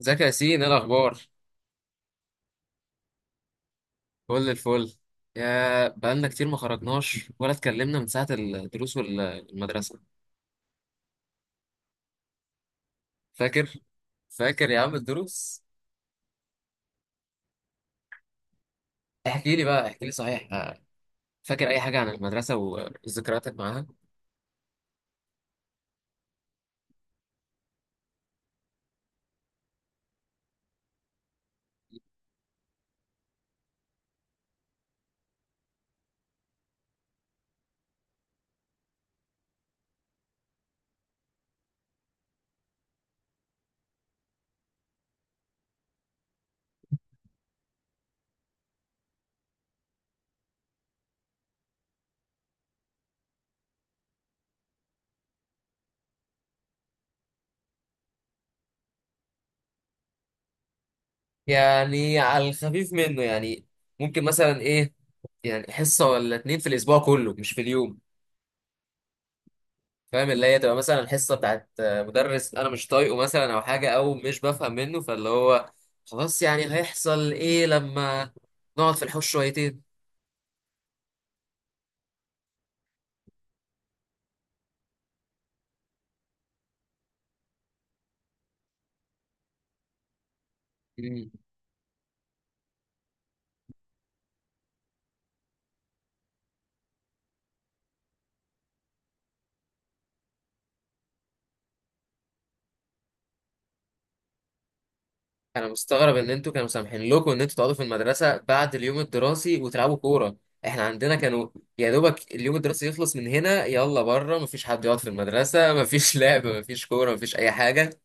ازيك يا ياسين، ايه الاخبار؟ كل الفل. يا بقالنا كتير ما خرجناش ولا اتكلمنا من ساعه الدروس والمدرسه. فاكر فاكر يا عم الدروس. احكي لي بقى، احكي لي. صحيح؟ فاكر اي حاجه عن المدرسه وذكرياتك معاها؟ يعني على الخفيف منه، يعني ممكن مثلا ايه، يعني حصه ولا اتنين في الاسبوع كله، مش في اليوم. فاهم، اللي هي تبقى مثلا الحصه بتاعت مدرس انا مش طايقه مثلا، او حاجه او مش بفهم منه، فاللي هو خلاص يعني هيحصل ايه لما نقعد في الحوش شويتين. مم. انا مستغرب ان انتوا كانوا سامحين لكم ان انتوا تقعدوا في المدرسه بعد اليوم الدراسي وتلعبوا كوره. احنا عندنا كانوا يا دوبك اليوم الدراسي يخلص من هنا، يلا بره، مفيش حد يقعد في المدرسه، مفيش لعب، مفيش كوره، مفيش اي حاجه.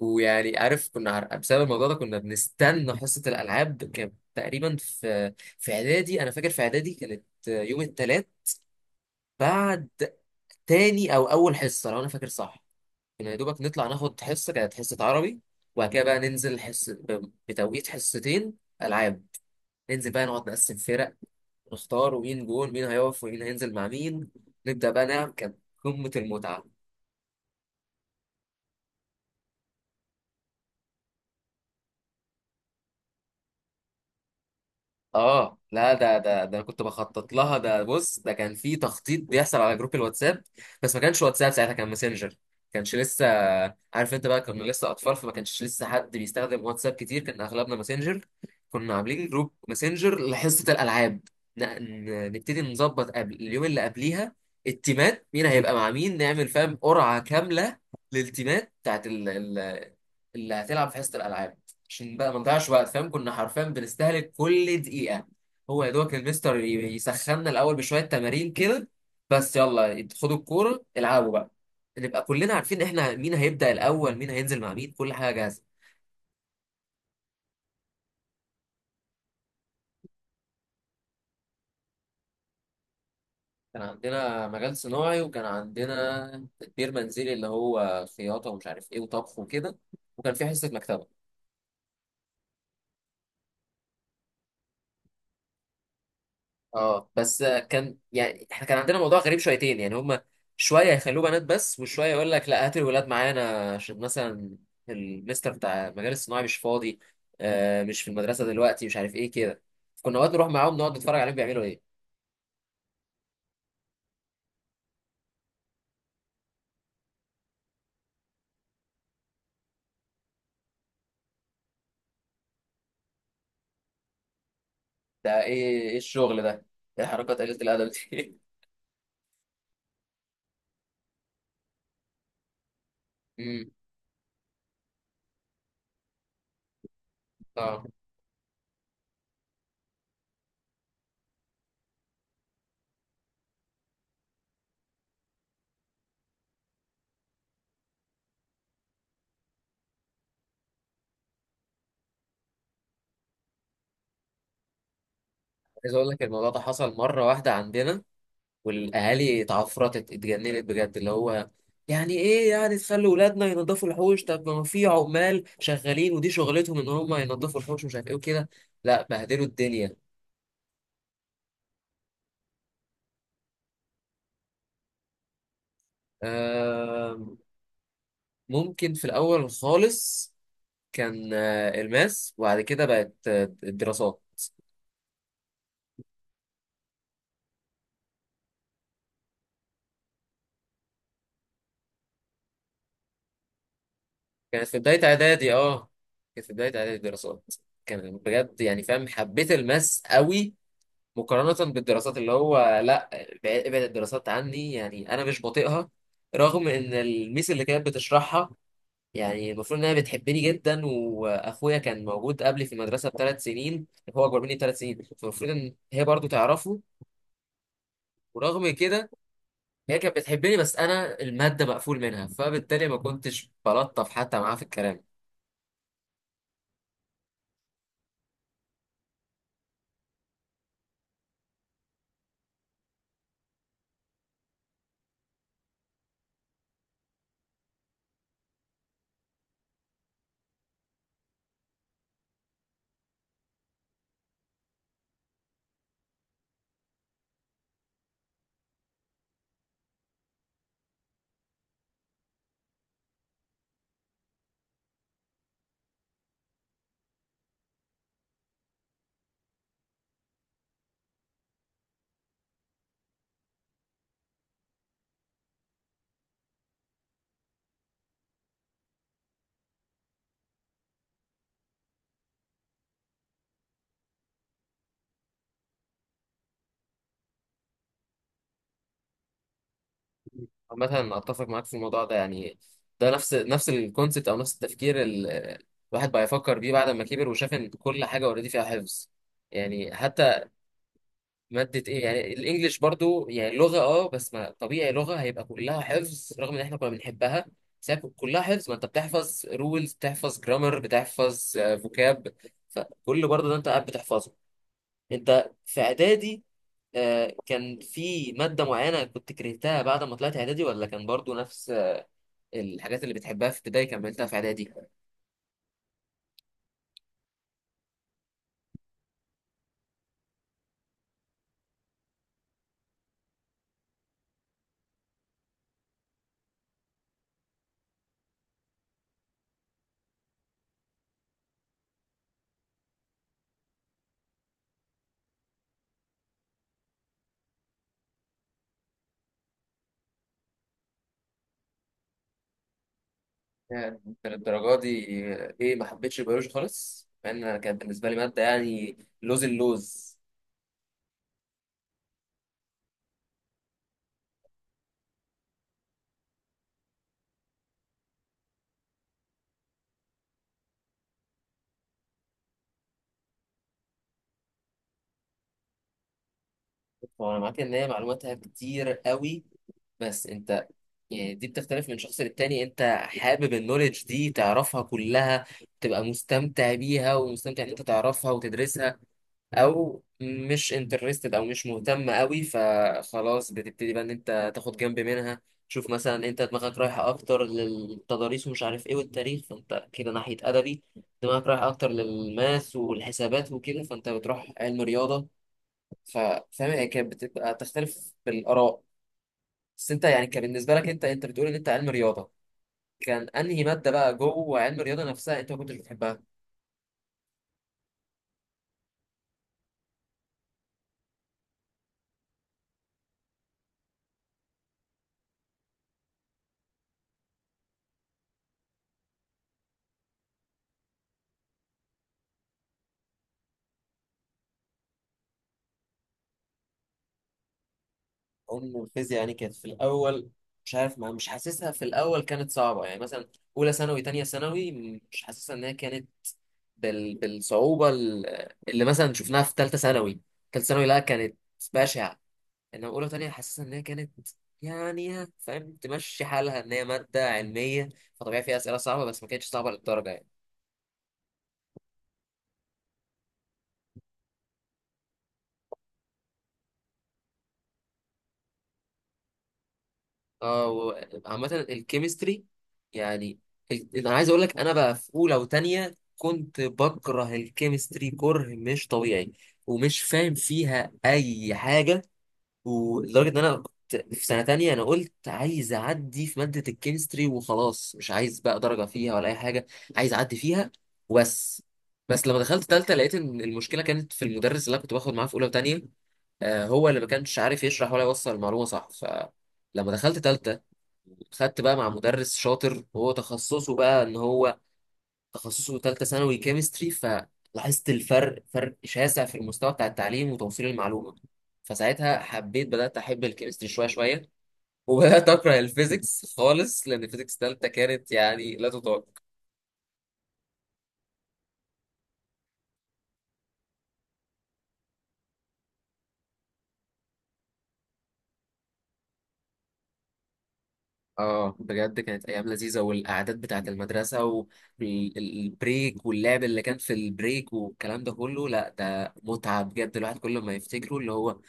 ويعني عارف، كنا بسبب الموضوع ده كنا بنستنى حصة الألعاب. كانت تقريبا في إعدادي، أنا فاكر في إعدادي كانت يوم التلات، بعد تاني أو أول حصة لو أنا فاكر صح. كنا يا دوبك نطلع ناخد حصة، كانت حصة عربي، وبعد كده بقى ننزل بتوقيت حصتين ألعاب. ننزل بقى نقعد نقسم فرق ونختار، ومين جون، مين هيقف، ومين هينزل مع مين. نبدأ بقى نلعب. كانت قمة المتعة. اه لا، ده أنا كنت بخطط لها. ده بص، ده كان في تخطيط بيحصل على جروب الواتساب. بس ما كانش واتساب ساعتها، كان ماسنجر. كانش لسه، عارف انت بقى، كنا لسه اطفال، فما كانش لسه حد بيستخدم واتساب كتير، كان اغلبنا ماسنجر. كنا عاملين جروب ماسنجر لحصة الالعاب. نبتدي نظبط قبل اليوم اللي قبليها التيمات، مين هيبقى مع مين، نعمل فاهم قرعة كاملة للتيمات بتاعت اللي هتلعب في حصة الالعاب، عشان بقى ما نضيعش وقت. فاهم كنا حرفيا بنستهلك كل دقيقة. هو يا دوبك المستر يسخننا الأول بشوية تمارين كده، بس يلا خدوا الكورة العبوا بقى، نبقى كلنا عارفين احنا مين هيبدأ الأول، مين هينزل مع مين، كل حاجة جاهزة. كان عندنا مجال صناعي، وكان عندنا تدبير منزلي اللي هو خياطة ومش عارف ايه وطبخ وكده، وكان في حصة مكتبة. اه بس كان يعني احنا كان عندنا موضوع غريب شويتين، يعني هما شويه يخلوه بنات بس، وشويه يقول لك لا هات الولاد معانا عشان مثلا المستر بتاع المجال الصناعي مش فاضي، مش في المدرسه دلوقتي، مش عارف ايه كده. كنا اوقات نروح معاهم نقعد نتفرج عليهم بيعملوا ايه. ده ايه، ايه الشغل ده، ايه حركات قليله الادب دي! امم. اه عايز اقول لك الموضوع ده حصل مره واحده عندنا، والاهالي اتعفرتت اتجننت بجد، اللي هو يعني ايه يعني تخلي ولادنا ينظفوا الحوش، طب ما في عمال شغالين ودي شغلتهم ان هم ينظفوا الحوش ومش عارف ايه وكده. لا بهدلوا الدنيا. آم، ممكن في الاول خالص كان الماس، وبعد كده بقت الدراسات. كانت في بداية اعدادي اه كانت في بداية اعدادي الدراسات. كان بجد يعني فاهم، حبيت الماس قوي مقارنة بالدراسات، اللي هو لا، ابعد ابعد الدراسات عني. يعني أنا مش بطيقها رغم إن الميس اللي كانت بتشرحها، يعني المفروض إنها بتحبني جدا، وأخويا كان موجود قبلي في المدرسة ب3 سنين، هو أكبر مني ب3 سنين، فالمفروض إن هي برضو تعرفه. ورغم كده هي كانت بتحبني، بس أنا المادة مقفول منها، فبالتالي ما كنتش بلطف حتى معاها في الكلام. مثلا اتفق معاك في الموضوع ده يعني، ده نفس الكونسيبت او نفس التفكير الواحد بقى يفكر بيه بعد ما كبر وشاف ان كل حاجه اوريدي فيها حفظ. يعني حتى ماده ايه، يعني الانجليش برضو يعني لغه، بس ما طبيعي لغه هيبقى كلها حفظ رغم ان احنا كنا بنحبها. بس هي كلها حفظ، ما انت بتحفظ رولز، بتحفظ جرامر، بتحفظ فوكاب، فكل برضو ده انت قاعد بتحفظه. انت في اعدادي كان في ماده معينه كنت كرهتها بعد ما طلعت اعدادي، ولا كان برضو نفس الحاجات اللي بتحبها في ابتدائي كملتها في اعدادي؟ يعني انت للدرجه دي، ايه، ما حبيتش البيولوجي خالص؟ مع ان أنا كانت بالنسبه لي ماده يعني لوز اللوز. وانا معاك ان هي معلوماتها كتير قوي، بس انت يعني دي بتختلف من شخص للتاني. انت حابب النولج دي تعرفها كلها، تبقى مستمتع بيها ومستمتع ان انت تعرفها وتدرسها، او مش انترستد او مش مهتم قوي، فخلاص بتبتدي بقى ان انت تاخد جنب منها. تشوف مثلا انت دماغك رايحه اكتر للتضاريس ومش عارف ايه والتاريخ، فانت كده ناحيه ادبي. دماغك رايحه اكتر للماث والحسابات وكده، فانت بتروح علم رياضه. ففاهم هي كانت بتبقى تختلف بالاراء. بس انت يعني كان بالنسبه لك، انت بتقول ان انت علم رياضه، كان انهي ماده بقى جوه علم الرياضه نفسها انت ما كنتش بتحبها؟ الفيزياء يعني كانت في الاول، مش عارف، ما مش حاسسها في الاول كانت صعبه، يعني مثلا اولى ثانوي تانية ثانوي مش حاسسها ان هي كانت بالصعوبه اللي مثلا شفناها في ثالثه ثانوي. ثالثه ثانوي لا، كانت بشعه. انما اولى وتانية حاسسها ان هي كانت يعني فاهم، تمشي حالها ان هي ماده علميه، فطبيعي فيها اسئله صعبه، بس ما كانتش صعبه للدرجه يعني. اه و- عامة الكيمستري يعني، انا عايز اقول لك، انا بقى في اولى وتانية كنت بكره الكيمستري كره مش طبيعي ومش فاهم فيها اي حاجة، ولدرجة ان انا كنت في سنة تانية انا قلت عايز اعدي في مادة الكيمستري وخلاص، مش عايز بقى درجة فيها ولا اي حاجة، عايز اعدي فيها وبس. بس لما دخلت تالتة لقيت ان المشكلة كانت في المدرس اللي انا كنت باخد معاه في اولى وتانية، هو اللي ما كانش عارف يشرح ولا يوصل المعلومة صح. ف لما دخلت تالتة خدت بقى مع مدرس شاطر، هو تخصصه بقى ان هو تخصصه ثالثه ثانوي كيمستري، فلاحظت الفرق، فرق شاسع في المستوى بتاع التعليم وتوصيل المعلومه، فساعتها حبيت، بدات احب الكيمستري شويه شويه، وبدات اكره الفيزيكس خالص، لان الفيزيكس ثالثه كانت يعني لا تطاق. اه بجد كانت ايام لذيذه، والقعدات بتاعه المدرسه والبريك واللعب اللي كان في البريك والكلام ده كله، لا ده متعه بجد. الواحد كل ما يفتكره اللي هو،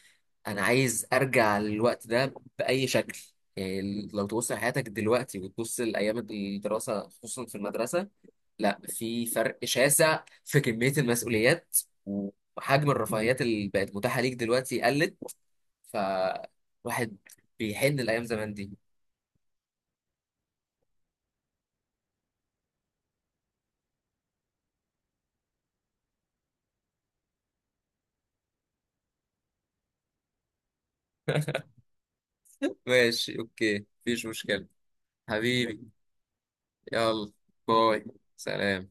انا عايز ارجع للوقت ده باي شكل. يعني لو تبص لحياتك دلوقتي وتبص لايام الدراسه خصوصا في المدرسه، لا في فرق شاسع في كميه المسؤوليات وحجم الرفاهيات اللي بقت متاحه ليك دلوقتي قلت، فواحد بيحن الايام زمان دي. ماشي، اوكي، مفيش مشكله، حبيبي، يلا، باي، سلام.